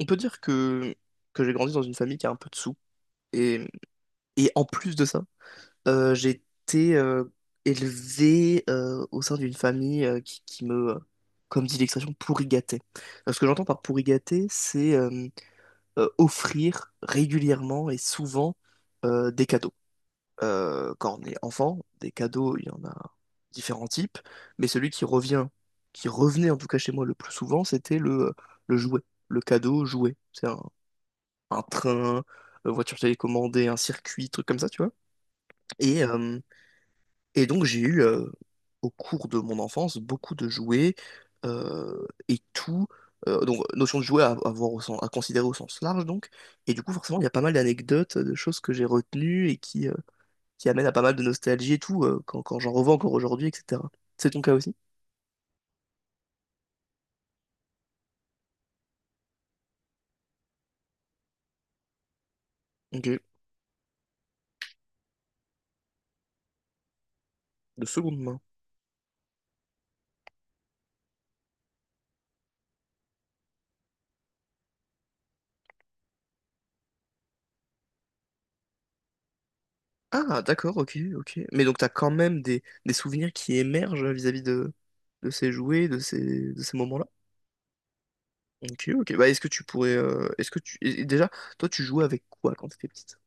On peut dire que j'ai grandi dans une famille qui a un peu de sous. Et, et en plus de ça, j'ai été élevé au sein d'une famille qui, qui me, comme dit l'expression, pourri gâté. Ce que j'entends par pourri gâté, c'est offrir régulièrement et souvent des cadeaux. Quand on est enfant, des cadeaux, il y en a différents types, mais qui revenait en tout cas chez moi le plus souvent, c'était le jouet, le cadeau jouet. C'est un train, voiture télécommandée, un circuit, trucs comme ça, tu vois. Et, euh, et donc j'ai eu, au cours de mon enfance, beaucoup de jouets et tout. Donc notion de jouet à voir au sens- à considérer au sens large, donc. Et du coup, forcément, il y a pas mal d'anecdotes, de choses que j'ai retenues et qui amènent à pas mal de nostalgie et tout, quand j'en revends encore aujourd'hui, etc. C'est ton cas aussi? Ok, de seconde main. Ah, d'accord, ok, ok. Mais donc t'as quand même des souvenirs qui émergent vis-à-vis de ces jouets, de ces moments-là. Ok, ok. Bah, est-ce que tu pourrais, est-ce que tu, et déjà, toi, tu jouais avec quoi quand t'étais petite?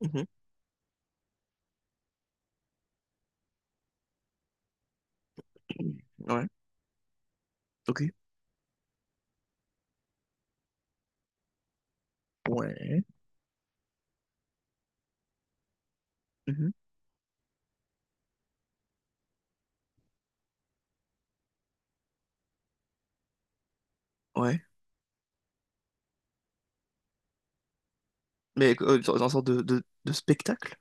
Mhm. Ouais. Ok. Ouais. Mhm. Ouais. Mais euh, dans une sorte de spectacle?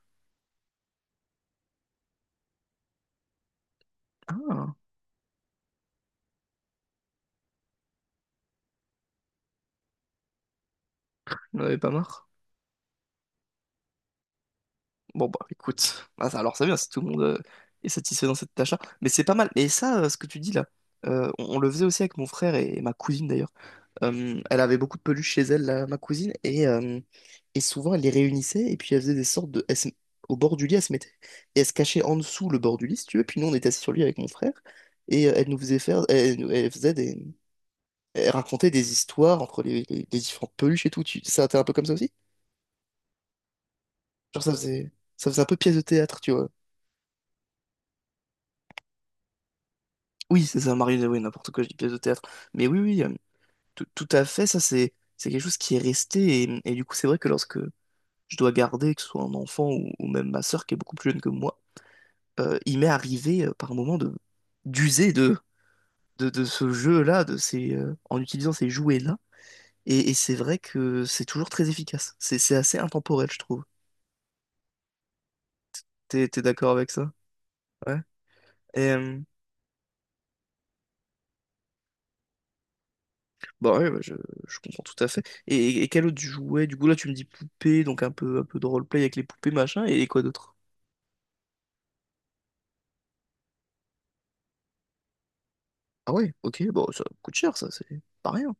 Ah, on avait pas marre. Bon bah écoute, ah, ça- alors c'est bien si tout le monde est satisfait dans cette tâche-là. Mais c'est pas mal. Et ça, ce que tu dis là, on le faisait aussi avec mon frère et ma cousine d'ailleurs. Elle avait beaucoup de peluches chez elle, là, ma cousine, et souvent elle les réunissait et puis elle faisait des sortes de... elle se- Au bord du lit, elle se mettait et elle se cachait en dessous le bord du lit, si tu veux. Puis nous, on était assis sur lui avec mon frère et elle nous faisait faire... Elle, nous- elle faisait des... Elle racontait des histoires entre les différentes peluches et tout. Tu... Ça, t'es un peu comme ça aussi? Genre ça faisait un peu pièce de théâtre, tu vois. Oui, c'est ça, marionnette, oui, n'importe quoi, je dis pièce de théâtre. Mais tout, tout à fait, ça c'est quelque chose qui est resté. Et du coup, c'est vrai que lorsque je dois garder, que ce soit un enfant ou même ma sœur qui est beaucoup plus jeune que moi, il m'est arrivé par moment de d'user de ce jeu-là, en utilisant ces jouets-là. Et c'est vrai que c'est toujours très efficace. C'est assez intemporel, je trouve. T'es d'accord avec ça? Ouais. Et, euh, Bah je comprends tout à fait. Et quel autre tu jouais? Du coup, là, tu me dis poupée, donc un peu de roleplay avec les poupées, machin, et, quoi d'autre? Ah ouais, ok, bon, ça coûte cher, ça, c'est pas rien.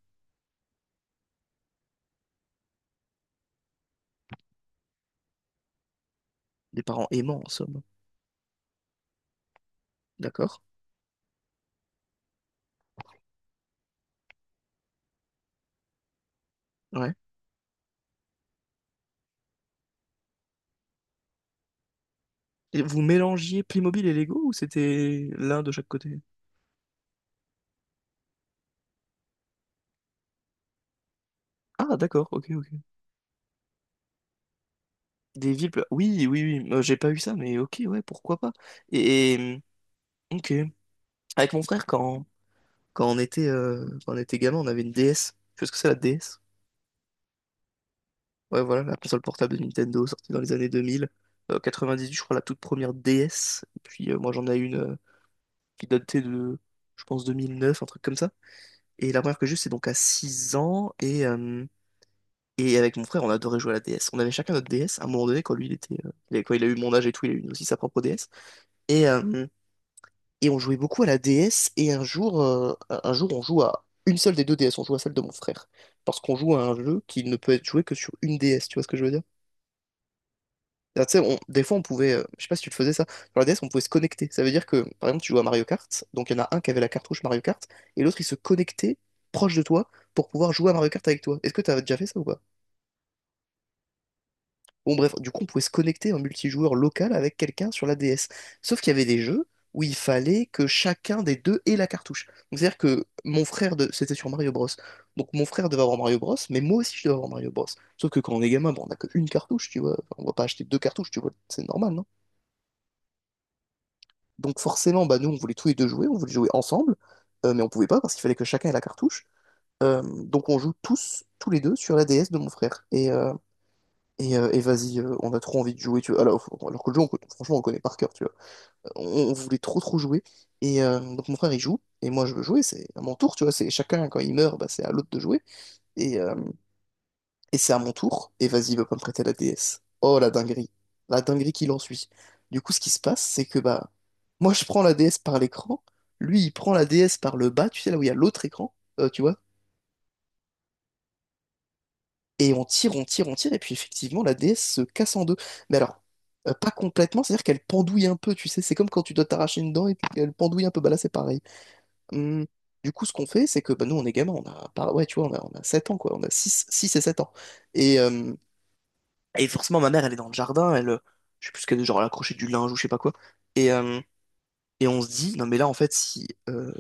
Des parents aimants, en somme. D'accord. Ouais. Et vous mélangiez Playmobil et Lego ou c'était l'un de chaque côté? Ah, d'accord, ok, ok. Des villes, pla- oui, oui, oui, j'ai pas eu ça, mais ok, ouais, pourquoi pas. Et, et, mmh, ok. Avec mon frère, quand on était, quand on était gamin, on avait une DS. Tu vois ce que c'est la DS? Ouais, voilà, la console portable de Nintendo sortie dans les années 2000. 98, je crois, la toute première DS. Et puis moi, j'en ai une qui datait de, je pense, 2009, un truc comme ça. Et la première que j'ai eue, c'est donc à 6 ans. Et avec mon frère, on adorait jouer à la DS. On avait chacun notre DS. À un moment donné, quand lui, il était, il a- quand il a eu mon âge et tout, il a eu aussi sa propre DS. Et, euh, et on jouait beaucoup à la DS. Et un jour, on joue à une seule des deux DS. On joue à celle de mon frère. Parce qu'on joue à un jeu qui ne peut être joué que sur une DS. Tu vois ce que je veux dire? Ah, tu sais, on- des fois, on pouvait, je sais pas si tu le faisais ça, sur la DS, on pouvait se connecter. Ça veut dire que, par exemple, tu joues à Mario Kart, donc il y en a un qui avait la cartouche Mario Kart, et l'autre, il se connectait proche de toi pour pouvoir jouer à Mario Kart avec toi. Est-ce que t'as déjà fait ça ou pas? Bon, bref, du coup, on pouvait se connecter en multijoueur local avec quelqu'un sur la DS. Sauf qu'il y avait des jeux où il fallait que chacun des deux ait la cartouche. Donc, c'est-à-dire que mon frère, de... c'était sur Mario Bros. Donc, mon frère devait avoir Mario Bros, mais moi aussi, je devais avoir Mario Bros. Sauf que quand on est gamin, bon, on n'a qu'une cartouche, tu vois. Enfin, on va pas acheter deux cartouches, tu vois. C'est normal, non? Donc forcément, bah, nous, on voulait tous les deux jouer, on voulait jouer ensemble, mais on pouvait pas parce qu'il fallait que chacun ait la cartouche. Donc on joue tous les deux, sur la DS de mon frère. Et vas-y, on a trop envie de jouer, tu vois. Alors que le jeu, on co- franchement, on le connaît par cœur, tu vois. On voulait trop jouer. Donc mon frère, il joue, et moi, je veux jouer, c'est à mon tour, tu vois. C'est chacun, quand il meurt, bah, c'est à l'autre de jouer. Et, euh, et c'est à mon tour, et vas-y, va pas me prêter la DS. Oh la dinguerie. La dinguerie qui l'ensuit. Du coup, ce qui se passe, c'est que bah, moi je prends la DS par l'écran, lui il prend la DS par le bas, tu sais là où il y a l'autre écran, tu vois, et on tire, on tire, et puis effectivement la DS se casse en deux. Mais alors, pas complètement, c'est-à-dire qu'elle pendouille un peu, tu sais, c'est comme quand tu dois t'arracher une dent et puis qu'elle pendouille un peu, bah là c'est pareil. Hum, Du coup, ce qu'on fait, c'est que bah, nous on est gamins, on a, par- ouais, tu vois, on a 7 ans quoi, on a 6 et 7 ans. Et. euh, Et forcément, ma mère, elle est dans le jardin, je sais plus ce qu'elle, genre, elle accrochait du linge ou je sais pas quoi. Et, euh, et on se dit, non mais là, en fait, si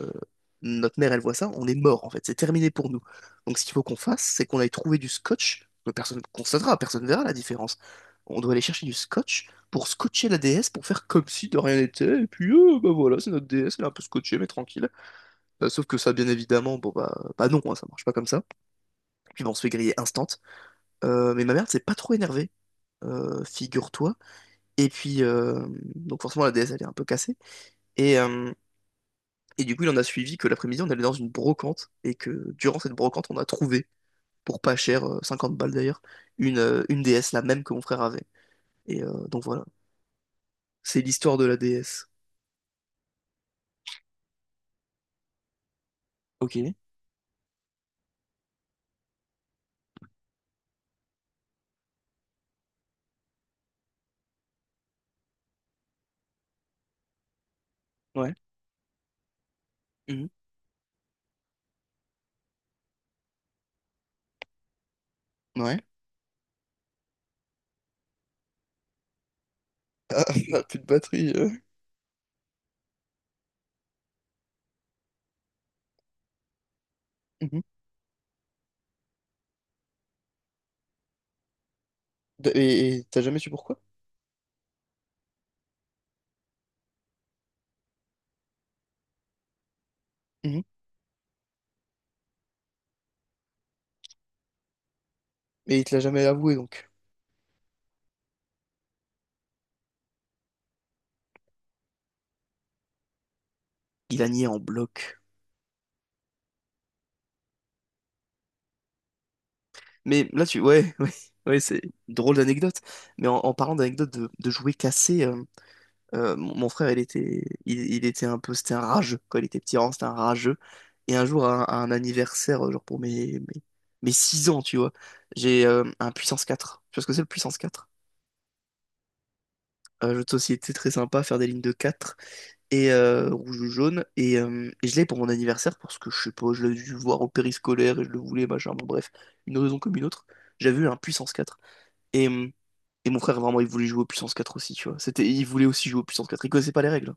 notre mère, elle voit ça, on est mort, en fait, c'est terminé pour nous. Donc ce qu'il faut qu'on fasse, c'est qu'on aille trouver du scotch, que personne constatera, personne verra la différence. On doit aller chercher du scotch pour scotcher la déesse, pour faire comme si de rien n'était, et puis, bah voilà, c'est notre déesse, elle est un peu scotchée, mais tranquille. Sauf que ça, bien évidemment, bon bah, bah non, hein, ça marche pas comme ça. Puis bah, on se fait griller instant. Mais ma mère, c'est pas trop énervée. Figure-toi. Et puis, donc forcément, la déesse, elle est un peu cassée. Et, euh, et du coup, il en a suivi que l'après-midi, on allait dans une brocante, et que durant cette brocante, on a trouvé, pour pas cher, 50 balles d'ailleurs, une déesse, la même que mon frère avait. Donc voilà, c'est l'histoire de la déesse. Ok. Ouais. Mhm. Ouais. Ah, on plus de batterie. Mhm. De- et t'as jamais su pourquoi? Mhm. Et il te l'a jamais avoué, donc. Il a nié en bloc. Mais là, tu... Ouais, ouais, c'est une drôle d'anecdote. Mais en parlant d'anecdote de jouets cassés, mon mon frère, il était un peu, c'était un rageux. Quand il était petit, vraiment, c'était un rageux. Et un jour, à à un anniversaire, genre pour mes 6 ans, tu vois, j'ai un puissance 4. Tu vois ce que c'est le puissance 4? Un jeu de société très sympa, faire des lignes de 4 et rouge ou jaune. Et je l'ai pour mon anniversaire parce que je sais pas, je l'ai dû voir au périscolaire et je le voulais, machin. Bon, bref, une raison comme une autre. J'avais eu un puissance 4. Et, euh, et mon frère, vraiment, il voulait jouer au puissance 4 aussi, tu vois. C'était, il voulait aussi jouer au puissance 4. Il connaissait pas les règles, hein.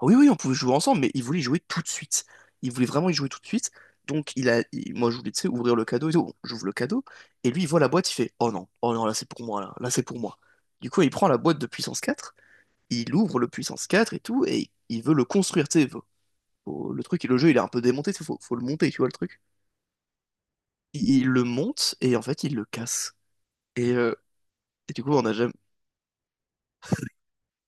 Oui, oui, on pouvait jouer ensemble, mais il voulait y jouer tout de suite. Il voulait vraiment y jouer tout de suite. Donc, moi, je voulais, tu sais, ouvrir le cadeau et tout. Bon, j'ouvre le cadeau. Et lui, il voit la boîte, il fait, oh non, oh non, là, c'est pour moi, là, c'est pour moi. Du coup, il prend la boîte de puissance quatre, il ouvre le puissance 4 et tout, et il veut le construire, tu sais. Le truc, et le jeu, il est un peu démonté, tu sais, faut le monter, tu vois, le truc. Il le monte, et en fait, il le casse. Et, euh, et du coup, on a jamais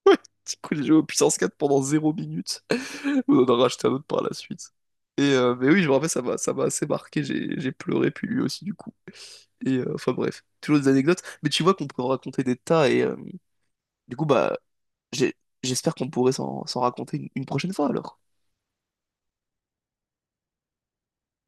Petit coup, j'ai joué au puissance 4 pendant zéro minutes. On en a racheté un autre par la suite. Mais oui, je me rappelle, ça m'a assez marqué. J'ai pleuré, puis lui aussi, du coup. Enfin bref, toujours des anecdotes. Mais tu vois qu'on peut en raconter des tas. Du coup, bah, j'ai- j'espère qu'on pourrait s'en raconter une prochaine fois alors.